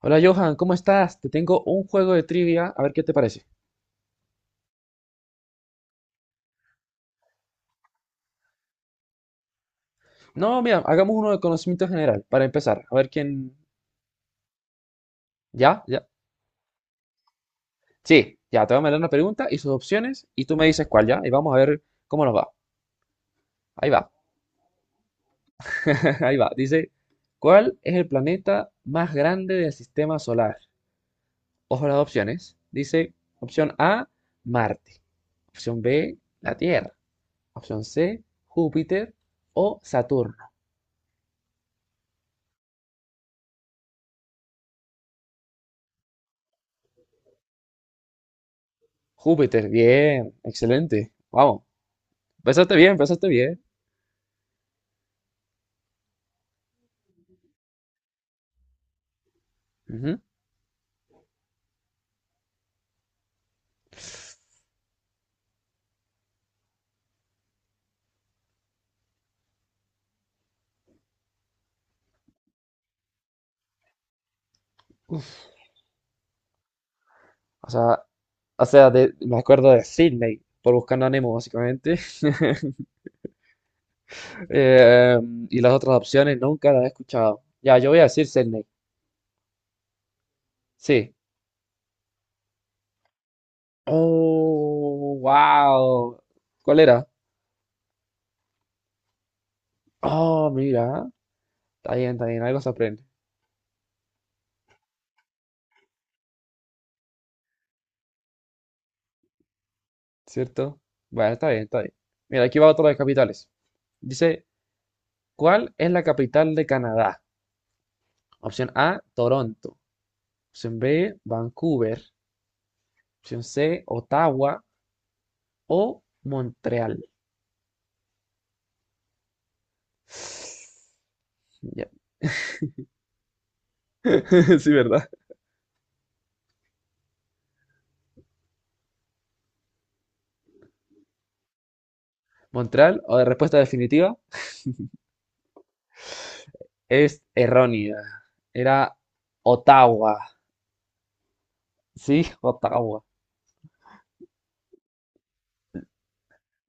Hola Johan, ¿cómo estás? Te tengo un juego de trivia, a ver qué te parece. No, mira, hagamos uno de conocimiento general para empezar, a ver quién... ¿Ya? ¿Ya? Sí, ya, te voy a mandar una pregunta y sus opciones y tú me dices cuál, ¿ya? Y vamos a ver cómo nos va. Ahí va, ahí va. Dice, ¿cuál es el planeta más grande del sistema solar? Ojo a las opciones. Dice, opción A, Marte. Opción B, la Tierra. Opción C, Júpiter o Saturno. Júpiter, bien, excelente. Vamos. Empezaste bien, empezaste bien. Ujú. O sea, me acuerdo de Sydney por Buscando a Nemo, básicamente. Eh, y las otras opciones nunca las he escuchado. Ya, yo voy a decir Sydney. Sí. Oh, wow. ¿Cuál era? Oh, mira. Está bien, está bien. Algo se aprende, ¿cierto? Bueno, está bien, está bien. Mira, aquí va otro de capitales. Dice, ¿cuál es la capital de Canadá? Opción A, Toronto. Opción B, Vancouver. Opción C, Ottawa o Montreal. Ya. Sí, ¿verdad? Montreal, o de respuesta definitiva, es errónea. Era Ottawa. Sí, Ottawa.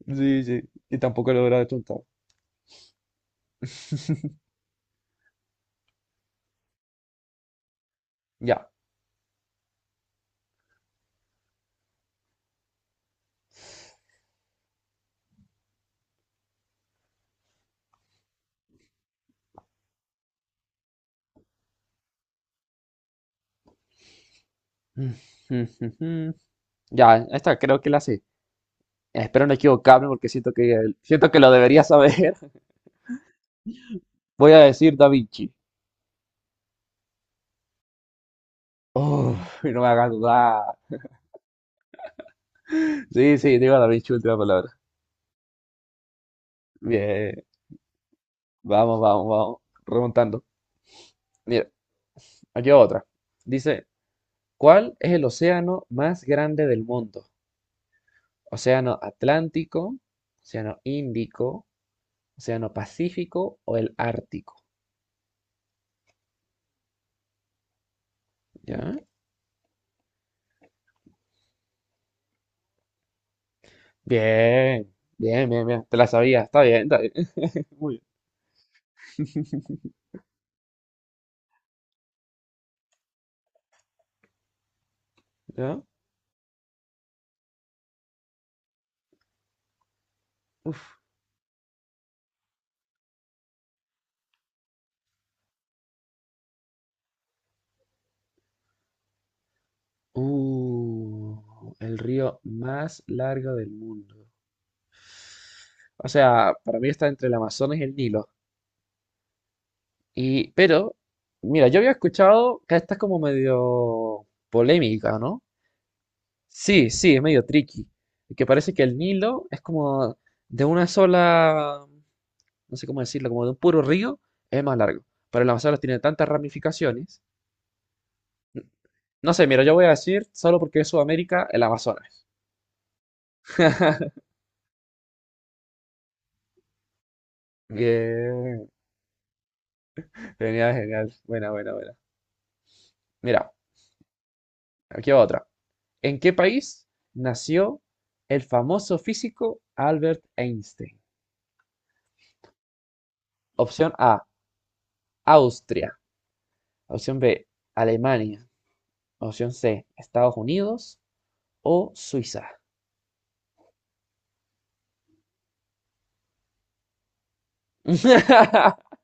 Sí, sí. Y tampoco lo hubiera chuntar. Ya. Ya, esta creo que la sé. Espero no equivocarme porque siento que lo debería saber. Voy a decir Da Vinci. Oh, no me hagas dudar. Sí, sí, digo Da Vinci, última palabra. Bien. Vamos, vamos, vamos. Remontando. Mira, aquí va otra. Dice, ¿cuál es el océano más grande del mundo? ¿Océano Atlántico, Océano Índico, Océano Pacífico o el Ártico? ¿Ya? Bien, bien, bien, bien. Te la sabía. Está bien, está bien. Muy bien. ¿Ya? Uf. El río más largo del mundo. O sea, para mí está entre el Amazonas y el Nilo. Y, pero, mira, yo había escuchado que esta es como medio polémica, ¿no? Sí, sí, es medio tricky. Que parece que el Nilo es como de una sola, no sé cómo decirlo, como de un puro río, es más largo. Pero el Amazonas tiene tantas ramificaciones. No sé, mira, yo voy a decir, solo porque es Sudamérica, el Amazonas. Bien, genial, genial. Buena, buena, buena. Mira, aquí va otra. ¿En qué país nació el famoso físico Albert Einstein? Opción A, Austria. Opción B, Alemania. Opción C, Estados Unidos o Suiza.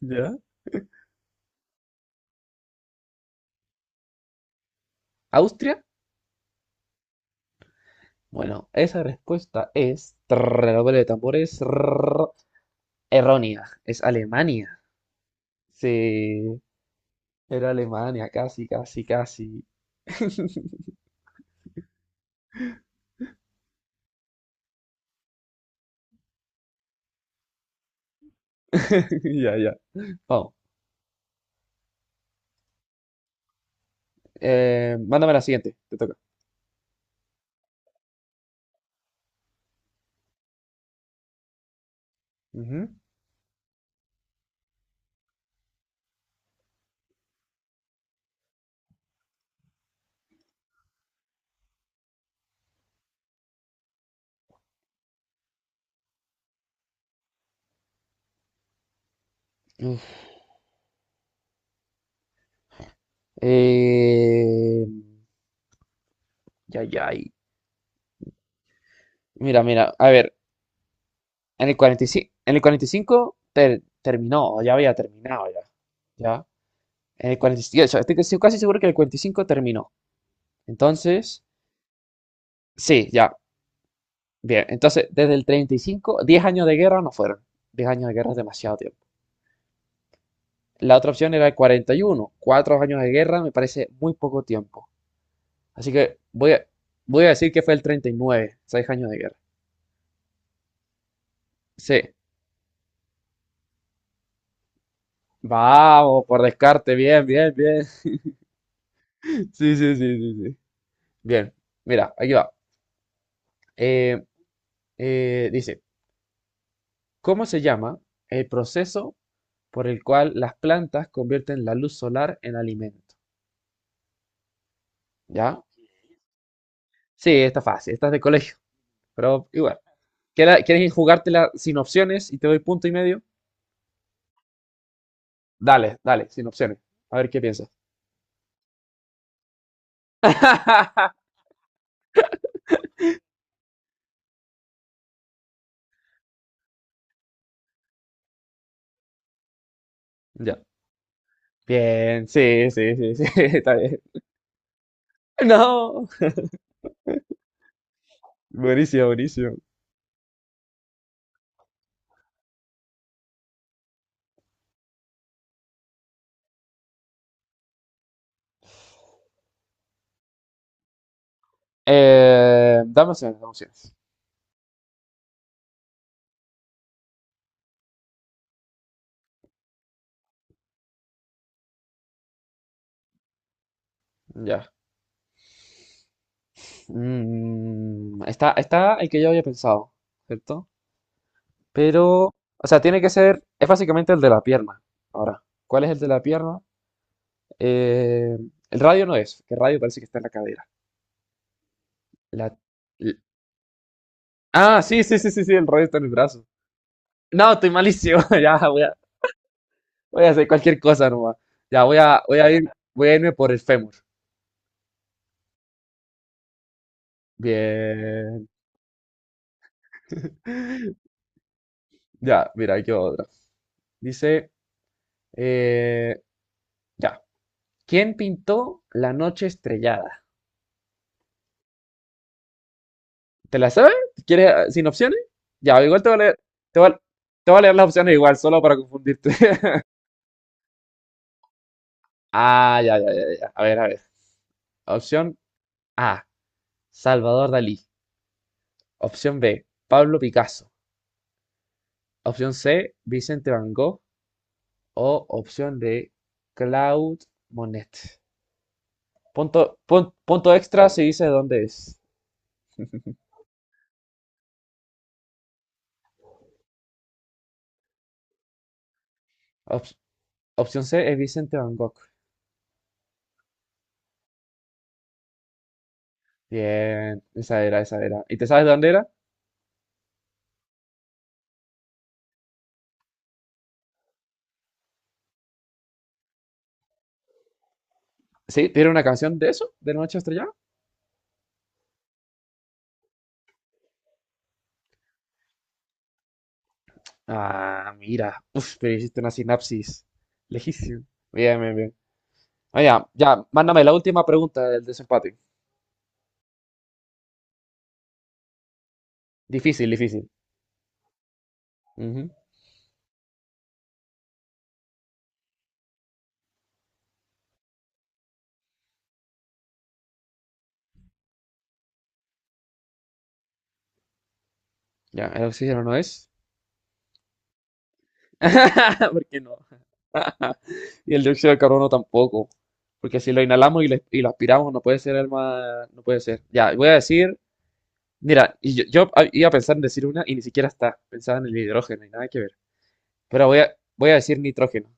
¿Ya? ¿Austria? Bueno, esa respuesta es, redoble de tambores, trrr, errónea. Es Alemania. Sí, era Alemania, casi, casi, casi. Ya, ya. Vamos, mándame la siguiente, te toca. Ujú. Uf. Eh, ya, ya. Mira, mira, a ver, en el 45, terminó, o ya había terminado ya. ¿Ya? En el 45, estoy casi seguro que el 45 terminó. Entonces, sí, ya. Bien, entonces desde el 35, 10 años de guerra no fueron. 10 años de guerra es demasiado tiempo. La otra opción era el 41, 4 años de guerra me parece muy poco tiempo. Así que voy a decir que fue el 39, 6 años de guerra. Sí. Vamos, por descarte, bien, bien, bien. Sí, sí, sí, sí, sí. Bien, mira, aquí va. Eh, dice, ¿cómo se llama el proceso por el cual las plantas convierten la luz solar en alimento? ¿Ya? Sí, está fácil, estás de colegio, pero igual. ¿Quieres jugártela sin opciones y te doy punto y medio? Dale, dale, sin opciones. A ver qué piensas. Ya. Bien, sí, sí, sí, sí, está bien. No. Buenísimo, buenísimo. Dame opciones, dame opciones. Ya. Mm, está el que yo había pensado, ¿cierto? Pero, o sea, tiene que ser, es básicamente el de la pierna. Ahora, ¿cuál es el de la pierna? Eh, el radio no es, que el radio parece que está en la cadera. La- l- ah, sí, sí, sí, sí, sí, el radio está en el brazo. No, estoy malísimo. Ya, voy a hacer cualquier cosa nomás. Ya, voy a irme por el fémur. Bien. Ya, mira, aquí va otra. Dice, eh, ya. ¿Quién pintó La noche estrellada? ¿Te la sabes? Si ¿Quieres sin opciones? Ya, igual te voy a, te voy a leer las opciones igual, solo para confundirte. Ah, ya, ya, ya, ya. A ver, a ver. Opción A, Salvador Dalí. Opción B, Pablo Picasso. Opción C, Vicente Van Gogh. O opción D, Claude Monet. Punto extra si dice dónde es. Op- opción C es Vicente Van Gogh. Bien, esa era, esa era. ¿Y te sabes de dónde era? Sí, tiene una canción de eso, de Noche Estrellada. Ah, mira. Uf, pero hiciste una sinapsis. Lejísimo. Bien, bien, bien. Ah, ya, ya. Mándame la última pregunta del desempate. Difícil, difícil. Ujú. Ya, el oxígeno no es. ¿Por qué no? Y el dióxido de carbono tampoco. Porque si lo inhalamos y lo aspiramos, no puede ser el más. No puede ser. Ya, voy a decir. Mira, y iba a pensar en decir una y ni siquiera está. Pensaba en el hidrógeno y nada que ver. Pero voy a decir nitrógeno.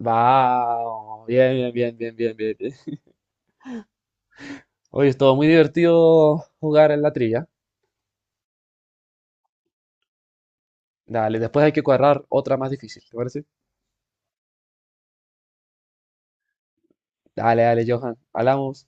Wow, bien, bien, bien, bien, bien. Bien. Oye, estuvo muy divertido jugar en la trilla. Dale, después hay que cuadrar otra más difícil, ¿te parece? Dale, dale, Johan. Hablamos.